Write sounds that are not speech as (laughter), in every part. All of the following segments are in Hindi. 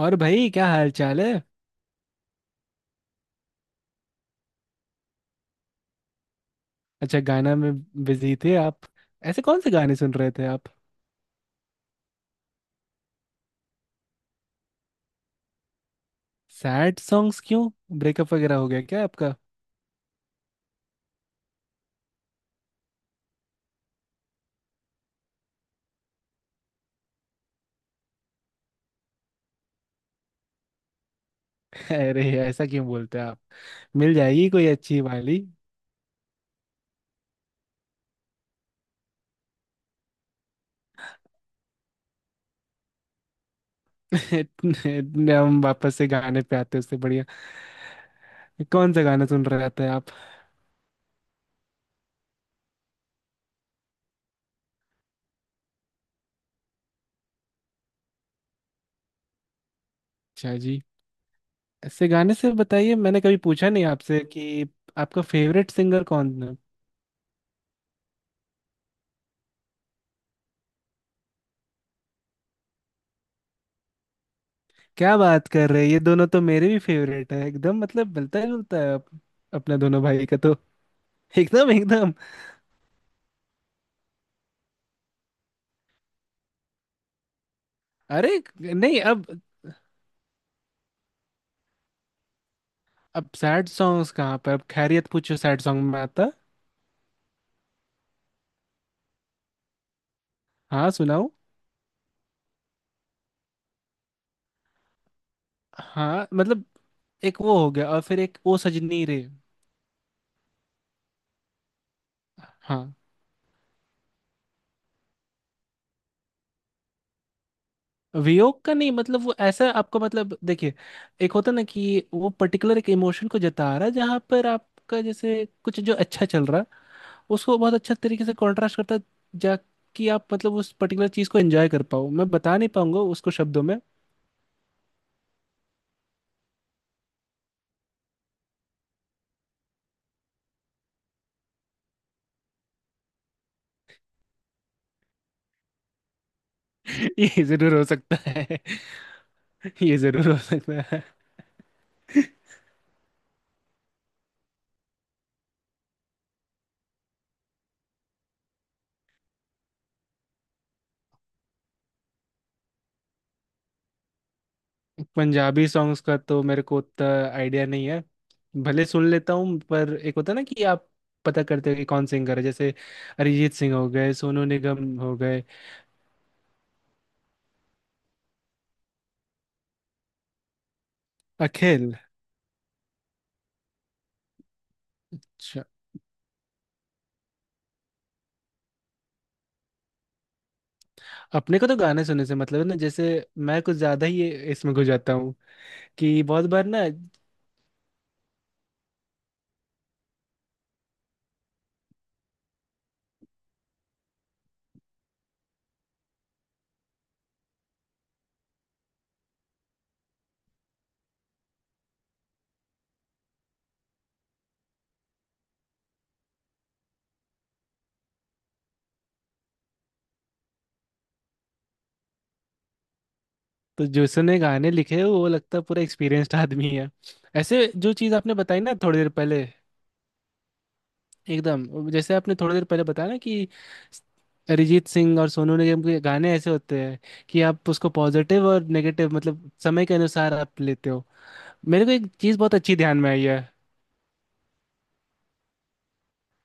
और भाई क्या हाल चाल है। अच्छा, गाना में बिजी थे आप? ऐसे कौन से गाने सुन रहे थे आप? सैड सॉन्ग्स क्यों? ब्रेकअप वगैरह हो गया क्या आपका? (laughs) अरे ऐसा क्यों बोलते हैं आप। मिल जाएगी कोई अच्छी वाली। (laughs) इतने हम वापस से गाने पे आते हैं उससे बढ़िया। कौन सा गाना सुन रहे थे आप? अच्छा जी। ऐसे गाने से बताइए मैंने कभी पूछा नहीं आपसे कि आपका फेवरेट सिंगर कौन है। क्या बात कर रहे हैं, ये दोनों तो मेरे भी फेवरेट है, एकदम मतलब मिलता जुलता है अपना दोनों भाई का तो। एकदम एकदम। अरे नहीं, अब अब सैड सॉन्ग्स कहाँ, पर अब खैरियत पूछो सैड सॉन्ग में आता। हाँ सुनाओ। हाँ मतलब एक वो हो गया और फिर एक ओ सजनी रे। हाँ। वियोग का नहीं, मतलब वो ऐसा आपको मतलब देखिए, एक होता ना कि वो पर्टिकुलर एक इमोशन को जता रहा है जहाँ पर आपका जैसे कुछ जो अच्छा चल रहा है उसको बहुत अच्छा तरीके से कॉन्ट्रास्ट करता है, जा कि आप मतलब उस पर्टिकुलर चीज़ को एंजॉय कर पाओ। मैं बता नहीं पाऊंगा उसको शब्दों में। (laughs) ये जरूर हो सकता है। (laughs) ये जरूर हो सकता है। पंजाबी सॉन्ग्स का तो मेरे को उतना आइडिया नहीं है, भले सुन लेता हूँ, पर एक होता है ना कि आप पता करते हो कि कौन सिंगर है जैसे अरिजीत सिंह हो गए, सोनू निगम हो गए। अखिल। अच्छा। अपने को तो गाने सुनने से मतलब है ना, जैसे मैं कुछ ज्यादा ही इसमें घुस जाता हूँ कि बहुत बार ना। तो जिसने गाने लिखे हैं, वो लगता है पूरा एक्सपीरियंस्ड आदमी है। ऐसे जो चीज़ आपने बताई ना थोड़ी देर पहले। एकदम जैसे आपने थोड़ी देर पहले बताया ना कि अरिजीत सिंह और सोनू निगम के गाने ऐसे होते हैं कि आप उसको पॉजिटिव और नेगेटिव मतलब समय के अनुसार आप लेते हो। मेरे को एक चीज़ बहुत अच्छी ध्यान में आई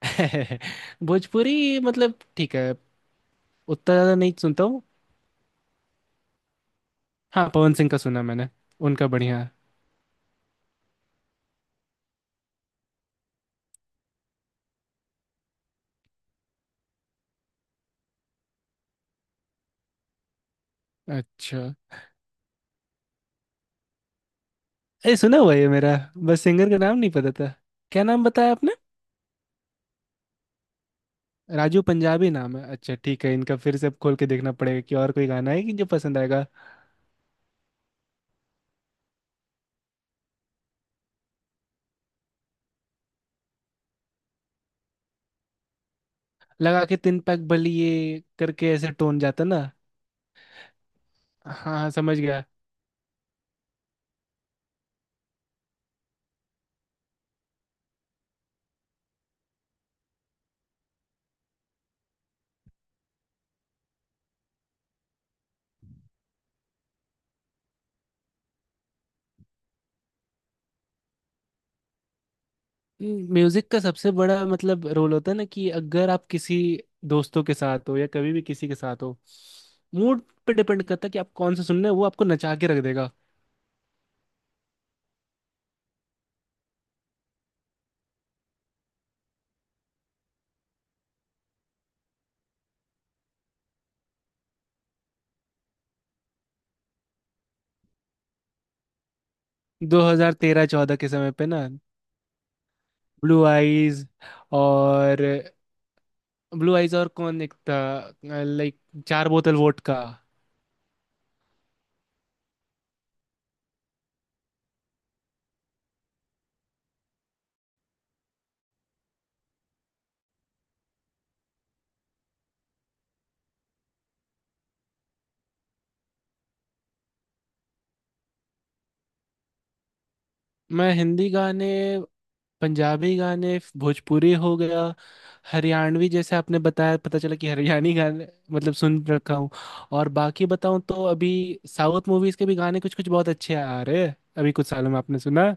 है। (laughs) भोजपुरी मतलब ठीक है, उतना ज़्यादा नहीं सुनता हूँ। हाँ, पवन सिंह का सुना मैंने, उनका बढ़िया है। अच्छा। अरे सुना हुआ है मेरा, बस सिंगर का नाम नहीं पता था। क्या नाम बताया आपने? राजू पंजाबी नाम है, अच्छा ठीक है, इनका फिर से अब खोल के देखना पड़ेगा कि और कोई गाना है कि जो पसंद आएगा। लगा के तिन पैक बली, ये करके ऐसे टोन जाता ना। हाँ हाँ, समझ गया। म्यूजिक का सबसे बड़ा मतलब रोल होता है ना कि अगर आप किसी दोस्तों के साथ हो, या कभी भी किसी के साथ हो, मूड पे डिपेंड करता है कि आप कौन सा सुन रहे हो, वो आपको नचा के रख देगा। 2013-14 के समय पे ना। ब्लू आईज और ब्लू आईज और कौन एक था? लाइक चार बोतल वोट का। मैं हिंदी गाने, पंजाबी गाने, भोजपुरी हो गया, हरियाणवी जैसे आपने बताया, पता चला कि हरियाणी गाने मतलब सुन रखा हूँ। और बाकी बताऊँ तो अभी साउथ मूवीज के भी गाने कुछ कुछ बहुत अच्छे आ रहे हैं अभी कुछ सालों में, आपने सुना?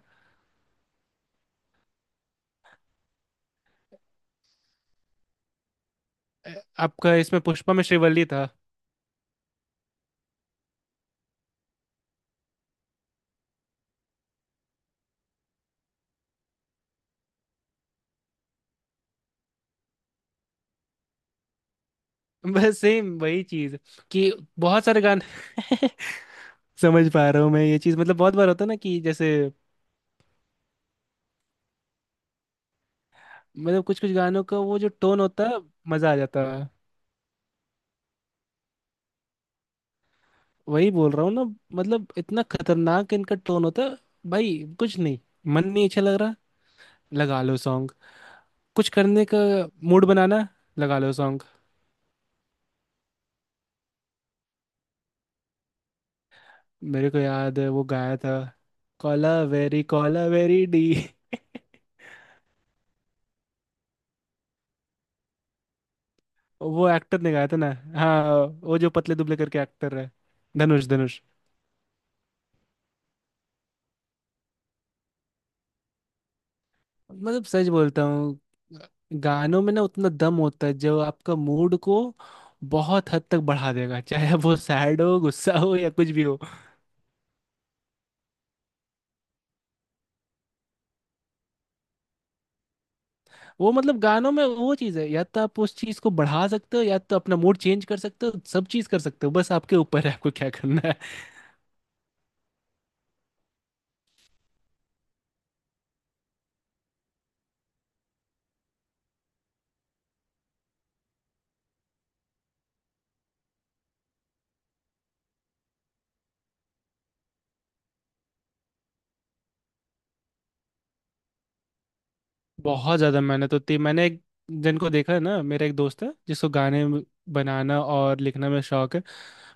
अ, आपका इसमें पुष्पा में श्रीवल्ली था। (laughs) बस सेम वही चीज, कि बहुत सारे गाने। (laughs) समझ पा रहा हूँ मैं, ये चीज मतलब बहुत बार होता है ना कि जैसे मतलब कुछ कुछ गानों का वो जो टोन होता है, मजा आ जाता है। वही बोल रहा हूँ ना, मतलब इतना खतरनाक इनका टोन होता है। भाई कुछ नहीं मन नहीं अच्छा लग रहा, लगा लो सॉन्ग। कुछ करने का मूड बनाना, लगा लो सॉन्ग। मेरे को याद है वो गाया था। Kolaveri D. (laughs) वो एक्टर ने गाया था ना। हाँ, वो जो पतले दुबले करके एक्टर है, धनुष धनुष मतलब सच बोलता हूँ गानों में ना उतना दम होता है जो आपका मूड को बहुत हद तक बढ़ा देगा, चाहे वो सैड हो, गुस्सा हो या कुछ भी हो। वो मतलब गानों में वो चीज़ है, या तो आप उस चीज़ को बढ़ा सकते हो, या तो अपना मूड चेंज कर सकते हो, सब चीज़ कर सकते हो, बस आपके ऊपर है आपको क्या करना है। बहुत ज़्यादा मेहनत होती है। मैंने एक जिनको देखा है ना, मेरा एक दोस्त है जिसको गाने बनाना और लिखना में शौक है।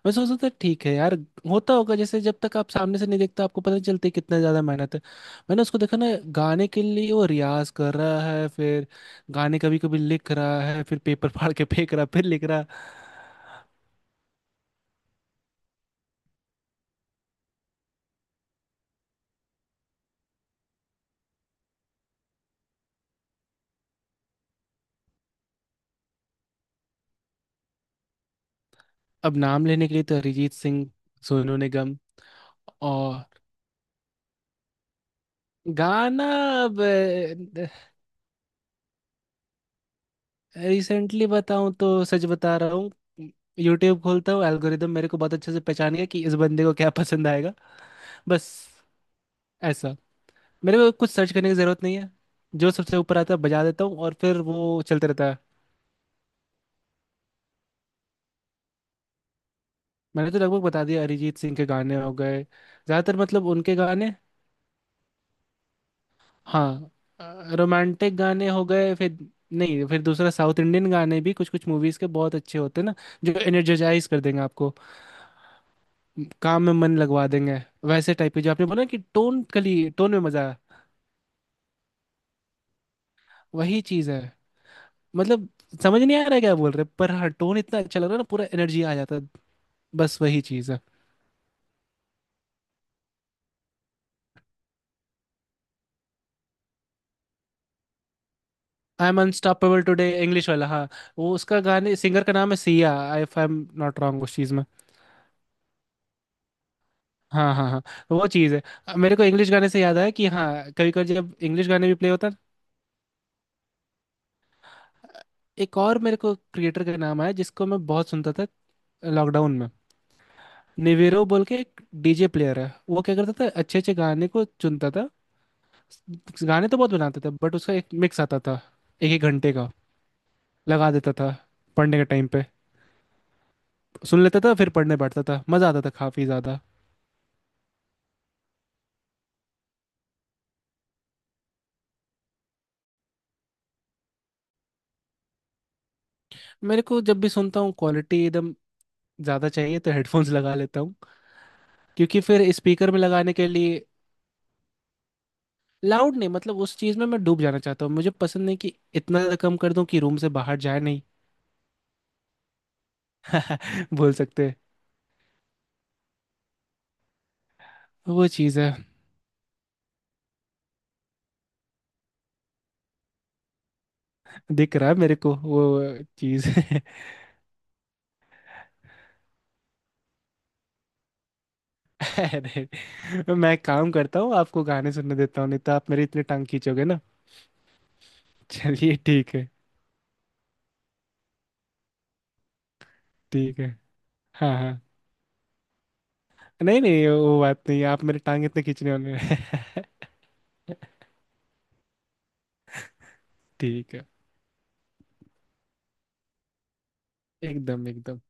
मैं सोचता था ठीक है यार, होता होगा, जैसे जब तक आप सामने से नहीं देखते आपको पता नहीं चलती कितना ज़्यादा मेहनत है। मैंने उसको देखा ना, गाने के लिए वो रियाज कर रहा है, फिर गाने कभी कभी लिख रहा है, फिर पेपर फाड़ के फेंक रहा है, फिर लिख रहा है। अब नाम लेने के लिए तो अरिजीत सिंह, सोनू निगम। और गाना? अब रिसेंटली बताऊं तो सच बता रहा हूँ, यूट्यूब खोलता हूँ, एल्गोरिदम मेरे को बहुत अच्छे से पहचानेगा कि इस बंदे को क्या पसंद आएगा, बस। ऐसा मेरे को कुछ सर्च करने की ज़रूरत नहीं है, जो सबसे ऊपर आता है बजा देता हूँ और फिर वो चलते रहता है। मैंने तो लगभग बता दिया अरिजीत सिंह के गाने हो गए ज़्यादातर मतलब उनके गाने। हाँ, रोमांटिक गाने हो गए फिर। नहीं, फिर दूसरा साउथ इंडियन गाने भी कुछ कुछ मूवीज के बहुत अच्छे होते हैं ना, जो एनर्जेटाइज कर देंगे आपको, काम में मन लगवा देंगे। वैसे टाइप के जो आपने बोला कि टोन कली टोन में मजा है, वही चीज है। मतलब समझ नहीं आ रहा है क्या बोल रहे, पर हाँ टोन इतना अच्छा लग रहा है ना, पूरा एनर्जी आ जाता है। बस वही चीज है। I am unstoppable today English वाला, हाँ। वो उसका गाने सिंगर का नाम है Sia, if I am not wrong उस चीज में। हाँ हाँ हाँ, वो चीज़ है। मेरे को इंग्लिश गाने से याद आया कि हाँ कभी कभी जब इंग्लिश गाने भी प्ले होता है। अ, एक और मेरे को क्रिएटर का नाम आया जिसको मैं बहुत सुनता था लॉकडाउन में, निवेरो बोल के एक डीजे प्लेयर है, वो क्या करता था अच्छे अच्छे गाने को चुनता था। गाने तो बहुत बनाते थे बट उसका एक मिक्स आता था, एक एक घंटे का, लगा देता था पढ़ने के टाइम पे, सुन लेता था फिर पढ़ने बैठता था, मज़ा आता था काफ़ी ज़्यादा। मेरे को जब भी सुनता हूँ क्वालिटी एकदम ज़्यादा चाहिए तो हेडफोन्स लगा लेता हूँ, क्योंकि फिर स्पीकर में लगाने के लिए। लाउड नहीं, मतलब उस चीज में मैं डूब जाना चाहता हूँ, मुझे पसंद नहीं कि इतना ज्यादा कम कर दूं कि रूम से बाहर जाए नहीं। (laughs) बोल सकते हैं, वो चीज है। दिख रहा है मेरे को वो चीज। (laughs) अरे मैं काम करता हूँ, आपको गाने सुनने देता हूँ, नहीं तो आप मेरी इतनी टांग खींचोगे ना। (laughs) चलिए ठीक है। ठीक है, हाँ हाँ, नहीं नहीं, वो बात नहीं, आप मेरी टांग इतने खींचने वाले नहीं। (laughs) ठीक है। एकदम एकदम।